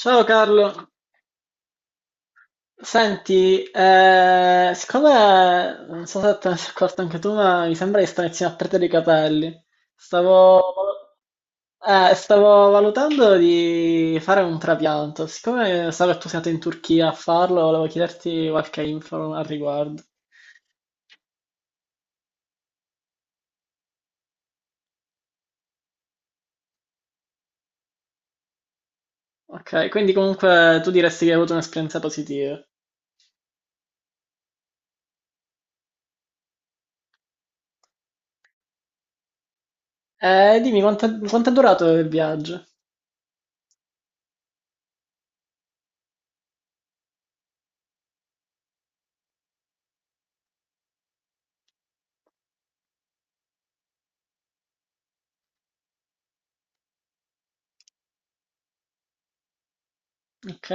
Ciao Carlo, senti, siccome non so se te ne sei accorto anche tu, ma mi sembra che stai iniziando a perdere i capelli. Stavo, Stavo valutando di fare un trapianto. Siccome so che tu sei andato in Turchia a farlo, volevo chiederti qualche info al riguardo. Ok, quindi comunque tu diresti che hai avuto un'esperienza positiva. Dimmi quanto è durato il viaggio? Ok,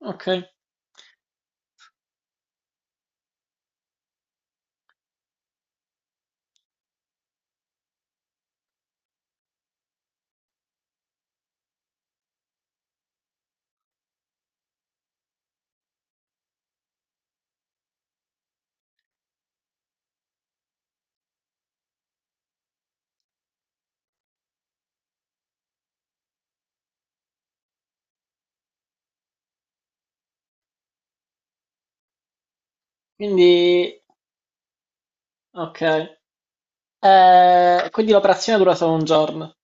ok, quindi ok. Quindi l'operazione dura solo un giorno,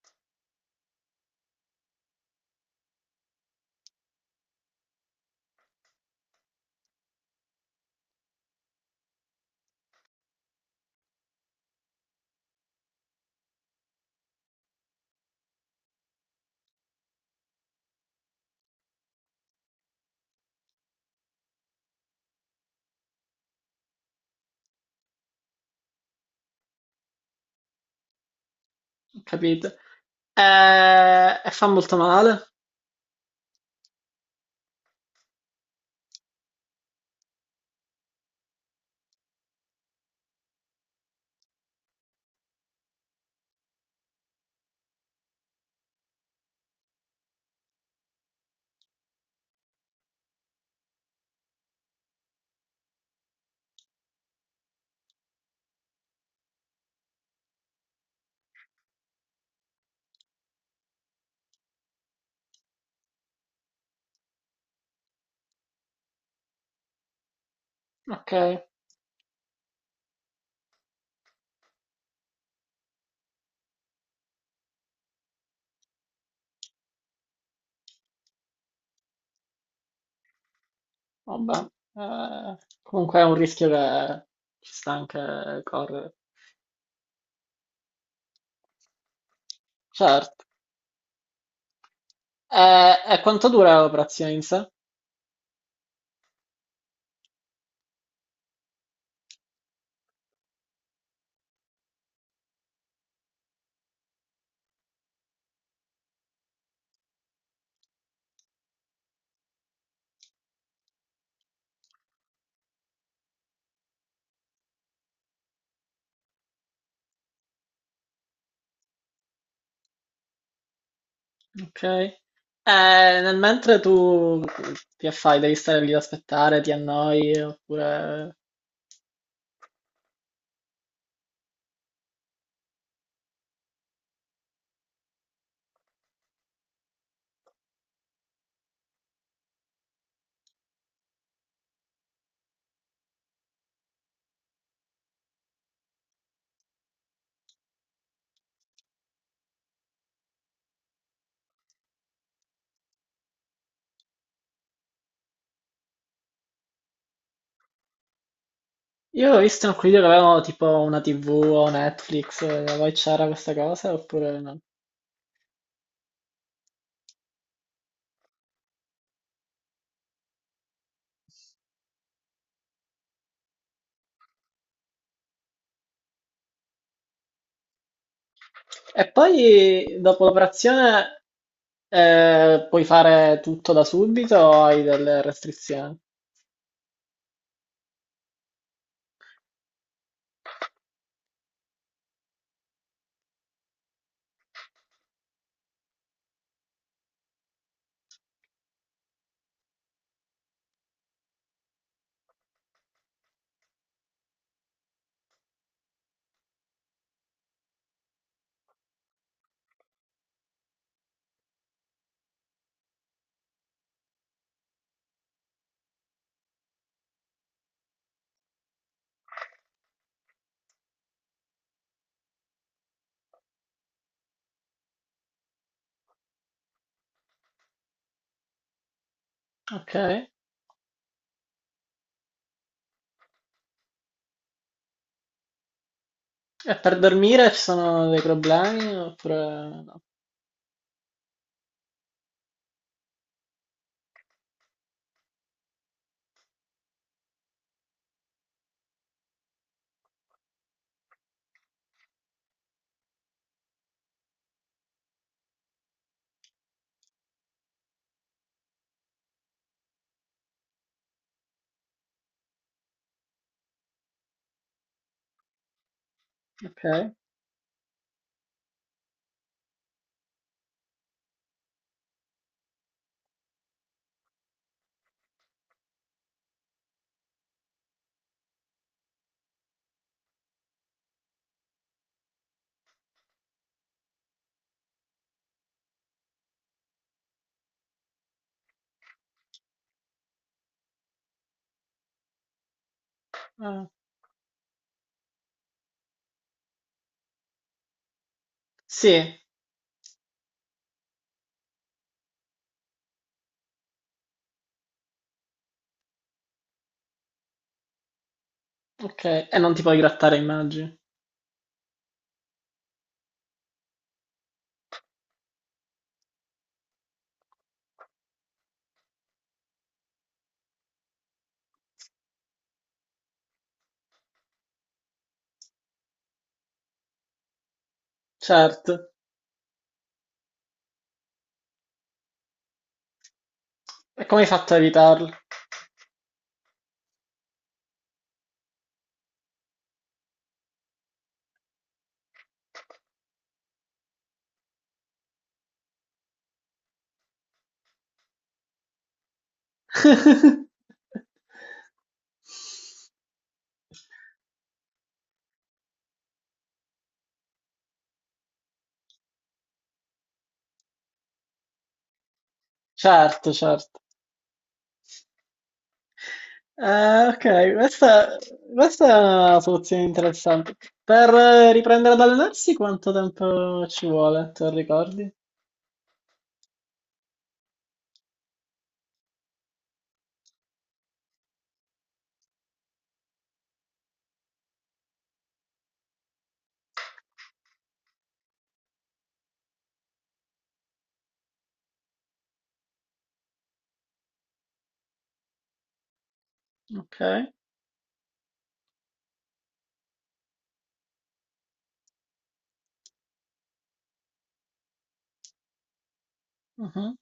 capite? E fa molto male. Ok, vabbè. Comunque è un rischio che ci sta anche correre. Certo. E quanto dura l'operazione in sé? Ok. Nel mentre tu ti affai, devi stare lì ad aspettare, ti annoi, oppure... Io ho visto in alcuni video che avevano tipo una TV o Netflix, voi c'era questa cosa, oppure no? E poi dopo l'operazione puoi fare tutto da subito o hai delle restrizioni? Ok. E per dormire ci sono dei problemi oppure no? Ok. Ah, sì, ok. E non ti puoi grattare, immagini. Certo. E come hai fatto a evitarlo? Certo, certo. Ok, questa è una soluzione interessante. Per riprendere ad allenarsi quanto tempo ci vuole, te lo ricordi? Ok, mhm,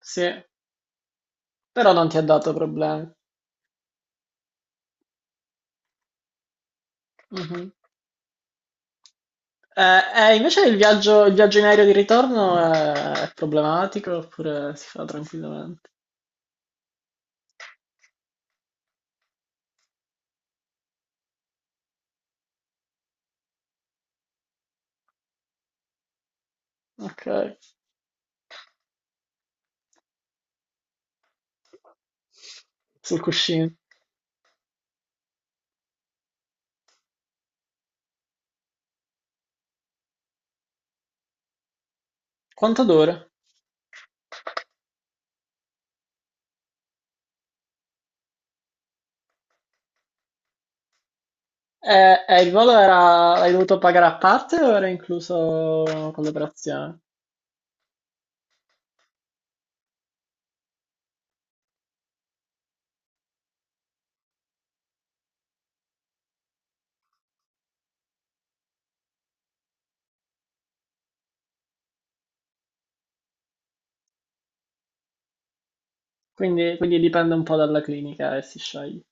sì, però non ti ha dato problemi. Mhm. Eh, Invece il viaggio in aereo di ritorno è problematico oppure si fa tranquillamente? Ok, sul cuscino. Quanto dura? Il l'hai dovuto pagare a parte o era incluso con l'operazione? Quindi dipende un po' dalla clinica e si sceglie.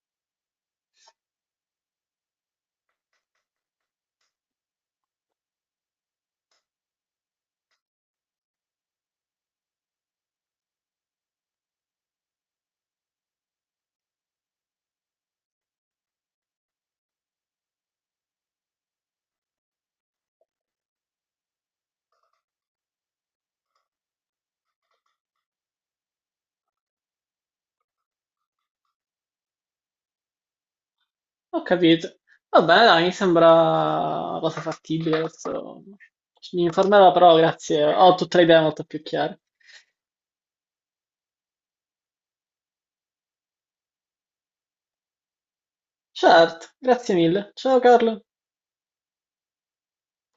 Ho capito. Vabbè, dai, mi sembra una cosa fattibile. Adesso mi informerò, però grazie. Ho tutte le idee molto più chiare. Certo, grazie mille. Ciao Carlo.